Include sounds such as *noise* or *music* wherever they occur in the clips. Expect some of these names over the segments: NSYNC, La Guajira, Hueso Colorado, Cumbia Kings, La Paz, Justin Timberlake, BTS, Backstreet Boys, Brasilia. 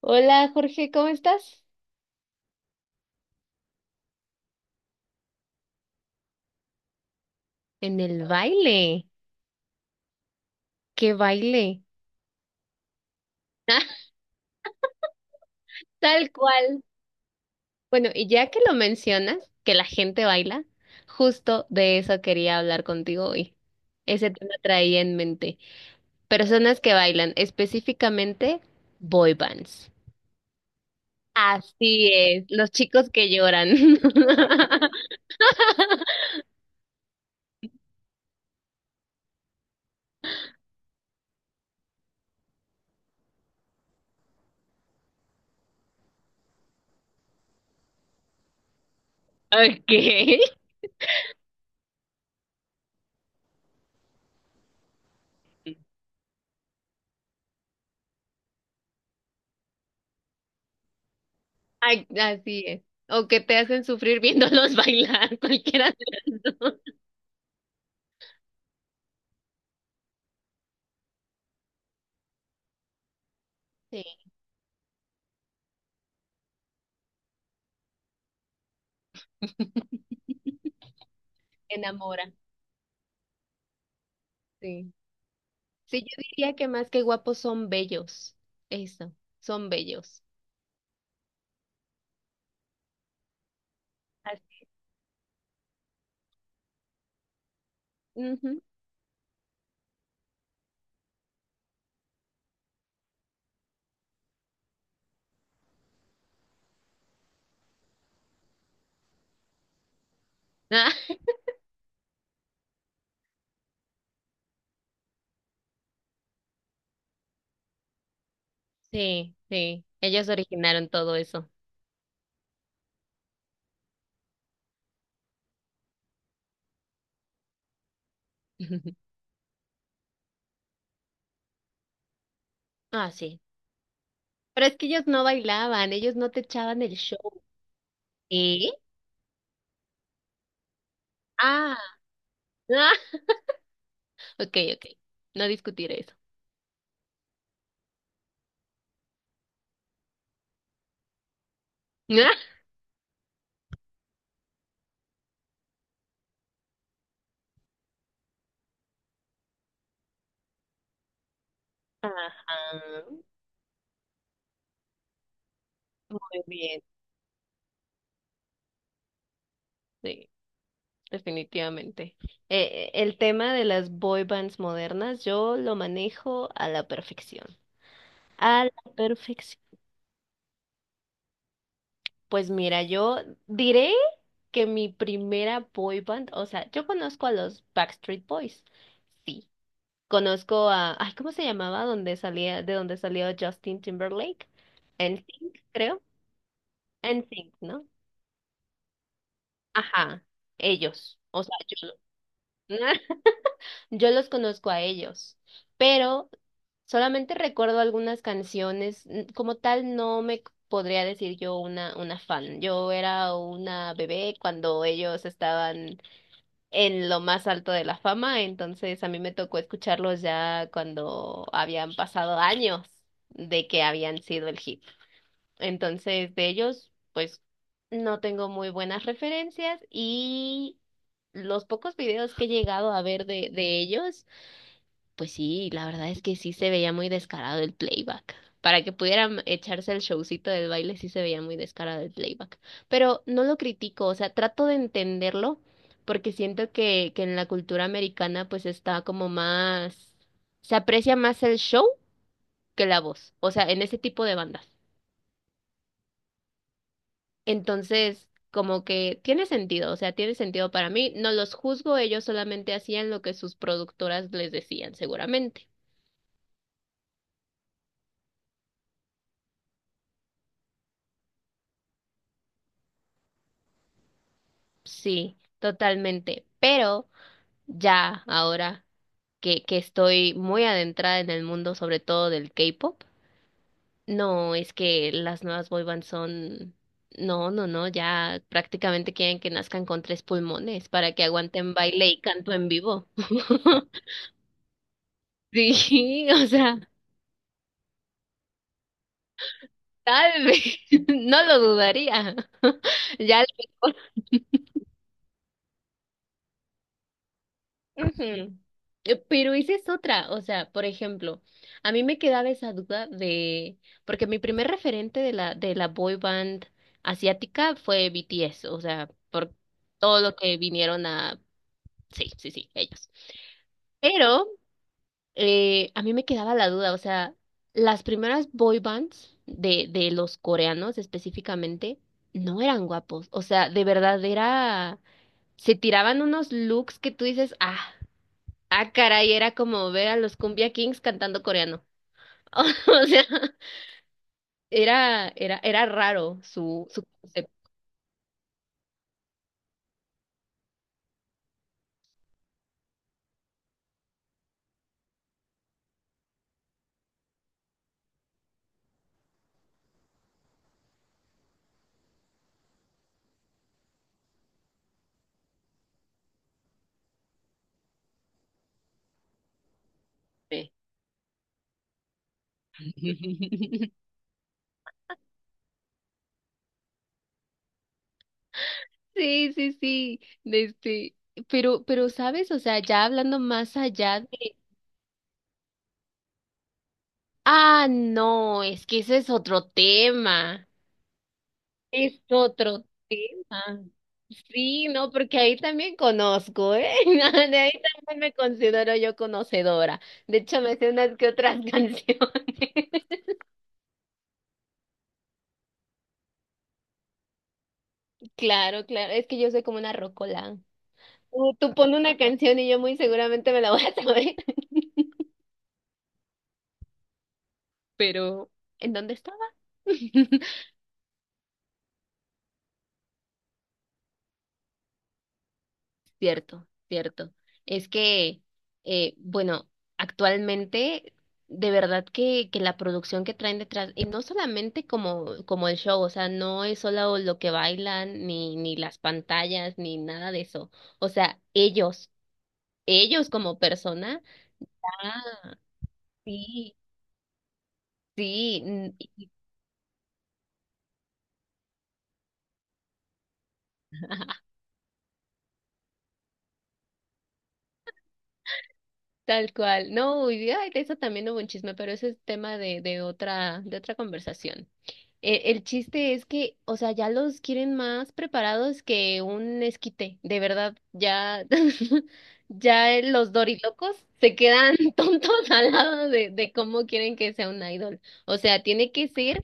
Hola Jorge, ¿cómo estás? En el baile. ¿Qué baile? *laughs* Tal cual. Bueno, y ya que lo mencionas, que la gente baila, justo de eso quería hablar contigo hoy. Ese tema traía en mente. Personas que bailan, específicamente boy bands. Así es. Los chicos que lloran. *laughs* Okay. Ay, así es. O que te hacen sufrir viéndolos *laughs* bailar. Cualquiera. Sí. Enamora. Sí. Sí, yo diría que más que guapos son bellos. Eso, son bellos. Así. Ujú. *laughs* Ah, sí, sí. Ellos originaron todo eso. *laughs* Ah, sí. Pero es que ellos no bailaban, ellos no te echaban el show. ¿Eh? Ah, ah, *laughs* ok, ok. No discutiré eso. *laughs* Ajá, muy bien. Sí, definitivamente. El tema de las boy bands modernas, yo lo manejo a la perfección. A la perfección. Pues mira, yo diré que mi primera boy band, o sea, yo conozco a los Backstreet Boys. Sí, conozco a, ay, ¿cómo se llamaba? Donde salía, de donde salió Justin Timberlake. NSYNC, creo. NSYNC, ¿no? Ajá, ellos. O sea, yo, *laughs* yo los conozco a ellos, pero solamente recuerdo algunas canciones. Como tal, no me c- podría decir yo una fan. Yo era una bebé cuando ellos estaban en lo más alto de la fama, entonces a mí me tocó escucharlos ya cuando habían pasado años de que habían sido el hit. Entonces de ellos, pues no tengo muy buenas referencias, y los pocos videos que he llegado a ver de ellos, pues sí, la verdad es que sí se veía muy descarado el playback. Para que pudieran echarse el showcito del baile, sí se veía muy descarado el playback. Pero no lo critico, o sea, trato de entenderlo porque siento que en la cultura americana pues está como más, se aprecia más el show que la voz, o sea, en ese tipo de bandas. Entonces, como que tiene sentido, o sea, tiene sentido para mí, no los juzgo, ellos solamente hacían lo que sus productoras les decían, seguramente. Sí, totalmente. Pero ya ahora que estoy muy adentrada en el mundo, sobre todo del K-pop, no es que las nuevas boy bands son, no, no, no, ya prácticamente quieren que nazcan con tres pulmones para que aguanten baile y canto en vivo. *laughs* Sí, o sea, tal vez, *laughs* no lo dudaría. *laughs* Ya le. Ujú. Pero esa es otra, o sea, por ejemplo, a mí me quedaba esa duda de, porque mi primer referente de la boy band asiática fue BTS, o sea, por todo lo que vinieron a, sí, sí, sí, ellos. Pero a mí me quedaba la duda, o sea, las primeras boy bands de los coreanos específicamente no eran guapos, o sea, de verdad era, se tiraban unos looks que tú dices, ah, ah, caray, era como ver a los Cumbia Kings cantando coreano. *laughs* O sea, era, era, era raro su, su concepto. *laughs* Sí, sí, sí, de este, pero, ¿sabes? O sea, ya hablando más allá de, ah, no, es que ese es otro tema, es otro tema. Sí, no, porque ahí también conozco, ¿eh? *laughs* De ahí también me considero yo conocedora. De hecho, me sé unas que otras *laughs* canciones. Claro, claro, es que yo soy como una rocola. Tú pon una canción y yo muy seguramente me la voy a saber. *laughs* Pero, ¿en dónde estaba? *laughs* Cierto, cierto. Es que, bueno, actualmente, de verdad que la producción que traen detrás, y no solamente como, como el show, o sea, no es solo lo que bailan, ni, ni las pantallas, ni nada de eso. O sea, ellos como persona, ah, sí, sí, n-. Tal cual. No, y ay, de eso también hubo un chisme, pero ese es tema de otra conversación. El chiste es que, o sea, ya los quieren más preparados que un esquite. De verdad, ya, *laughs* ya los dorilocos se quedan *laughs* tontos al lado de cómo quieren que sea un idol. O sea, tiene que ser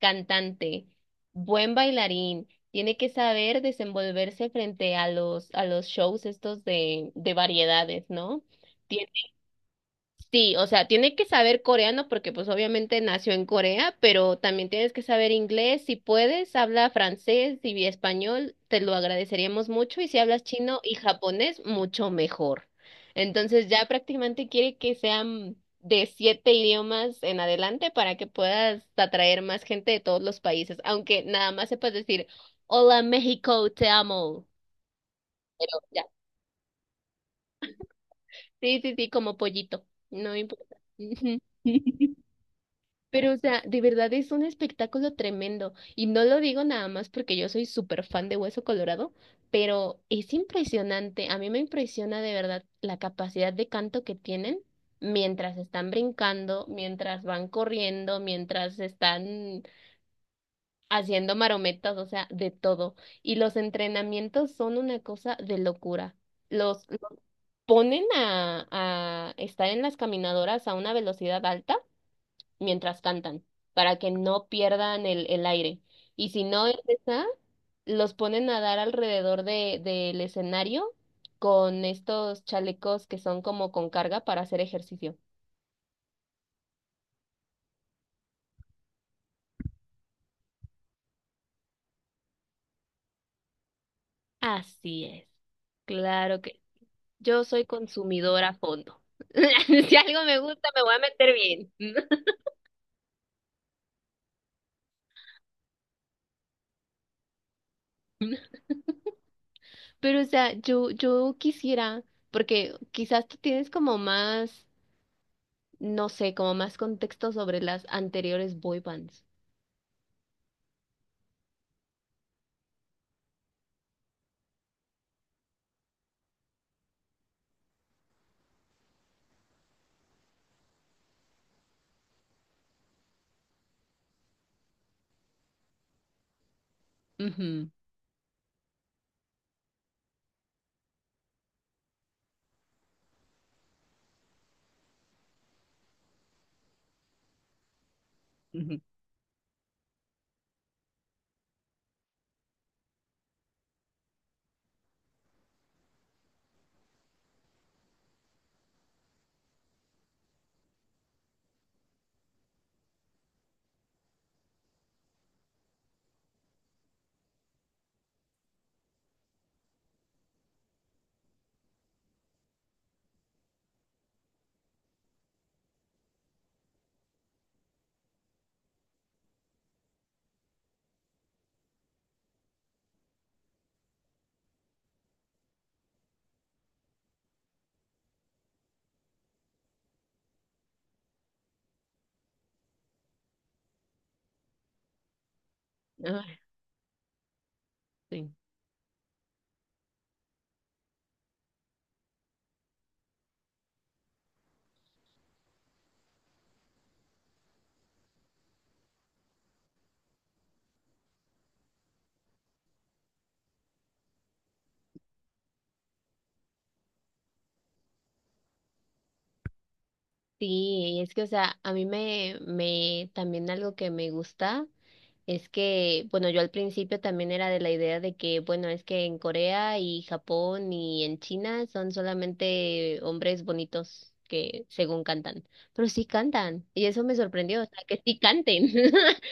cantante, buen bailarín. Tiene que saber desenvolverse frente a los shows estos de variedades, ¿no? Sí, o sea, tiene que saber coreano porque pues obviamente nació en Corea, pero también tienes que saber inglés, si puedes, habla francés y español, te lo agradeceríamos mucho, y si hablas chino y japonés, mucho mejor. Entonces ya prácticamente quiere que sean de 7 idiomas en adelante para que puedas atraer más gente de todos los países, aunque nada más sepas decir, hola México, te amo. Pero ya, sí, sí, sí, como pollito, no importa. *laughs* Pero, o sea, de verdad es un espectáculo tremendo. Y no lo digo nada más porque yo soy súper fan de Hueso Colorado, pero es impresionante. A mí me impresiona de verdad la capacidad de canto que tienen mientras están brincando, mientras van corriendo, mientras están haciendo marometas, o sea, de todo. Y los entrenamientos son una cosa de locura. Los ponen a estar en las caminadoras a una velocidad alta mientras cantan, para que no pierdan el aire. Y si no es esa, los ponen a dar alrededor de, del escenario con estos chalecos que son como con carga para hacer ejercicio. Así es, claro que yo soy consumidora a fondo. *laughs* Si algo me gusta, me voy a meter bien. *laughs* Pero, o sea, yo quisiera, porque quizás tú tienes como más, no sé, como más contexto sobre las anteriores boy bands. Ujú. Ujú. Ah, sí. Sí, es que, o sea, a mí me, me, también algo que me gusta es que, bueno, yo al principio también era de la idea de que, bueno, es que en Corea y Japón y en China son solamente hombres bonitos que según cantan, pero sí cantan, y eso me sorprendió, o sea, que sí canten, *laughs*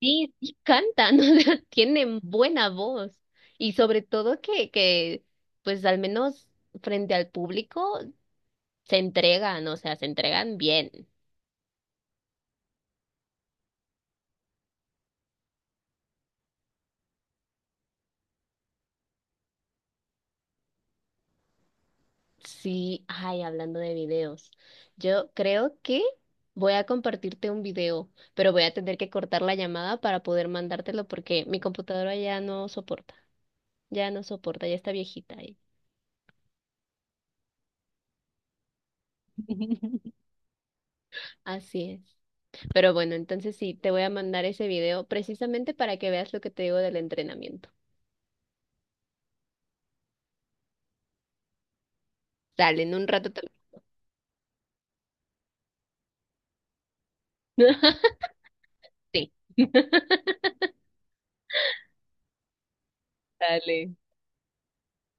sí, sí cantan, *laughs* o sea, tienen buena voz, y sobre todo pues al menos frente al público se entregan, o sea, se entregan bien. Sí, ay, hablando de videos, yo creo que voy a compartirte un video, pero voy a tener que cortar la llamada para poder mandártelo porque mi computadora ya no soporta, ya no soporta, ya está viejita ahí. *laughs* Así es. Pero bueno, entonces sí, te voy a mandar ese video precisamente para que veas lo que te digo del entrenamiento. Dale, en un rato también. *laughs* Sí. *laughs* Dale.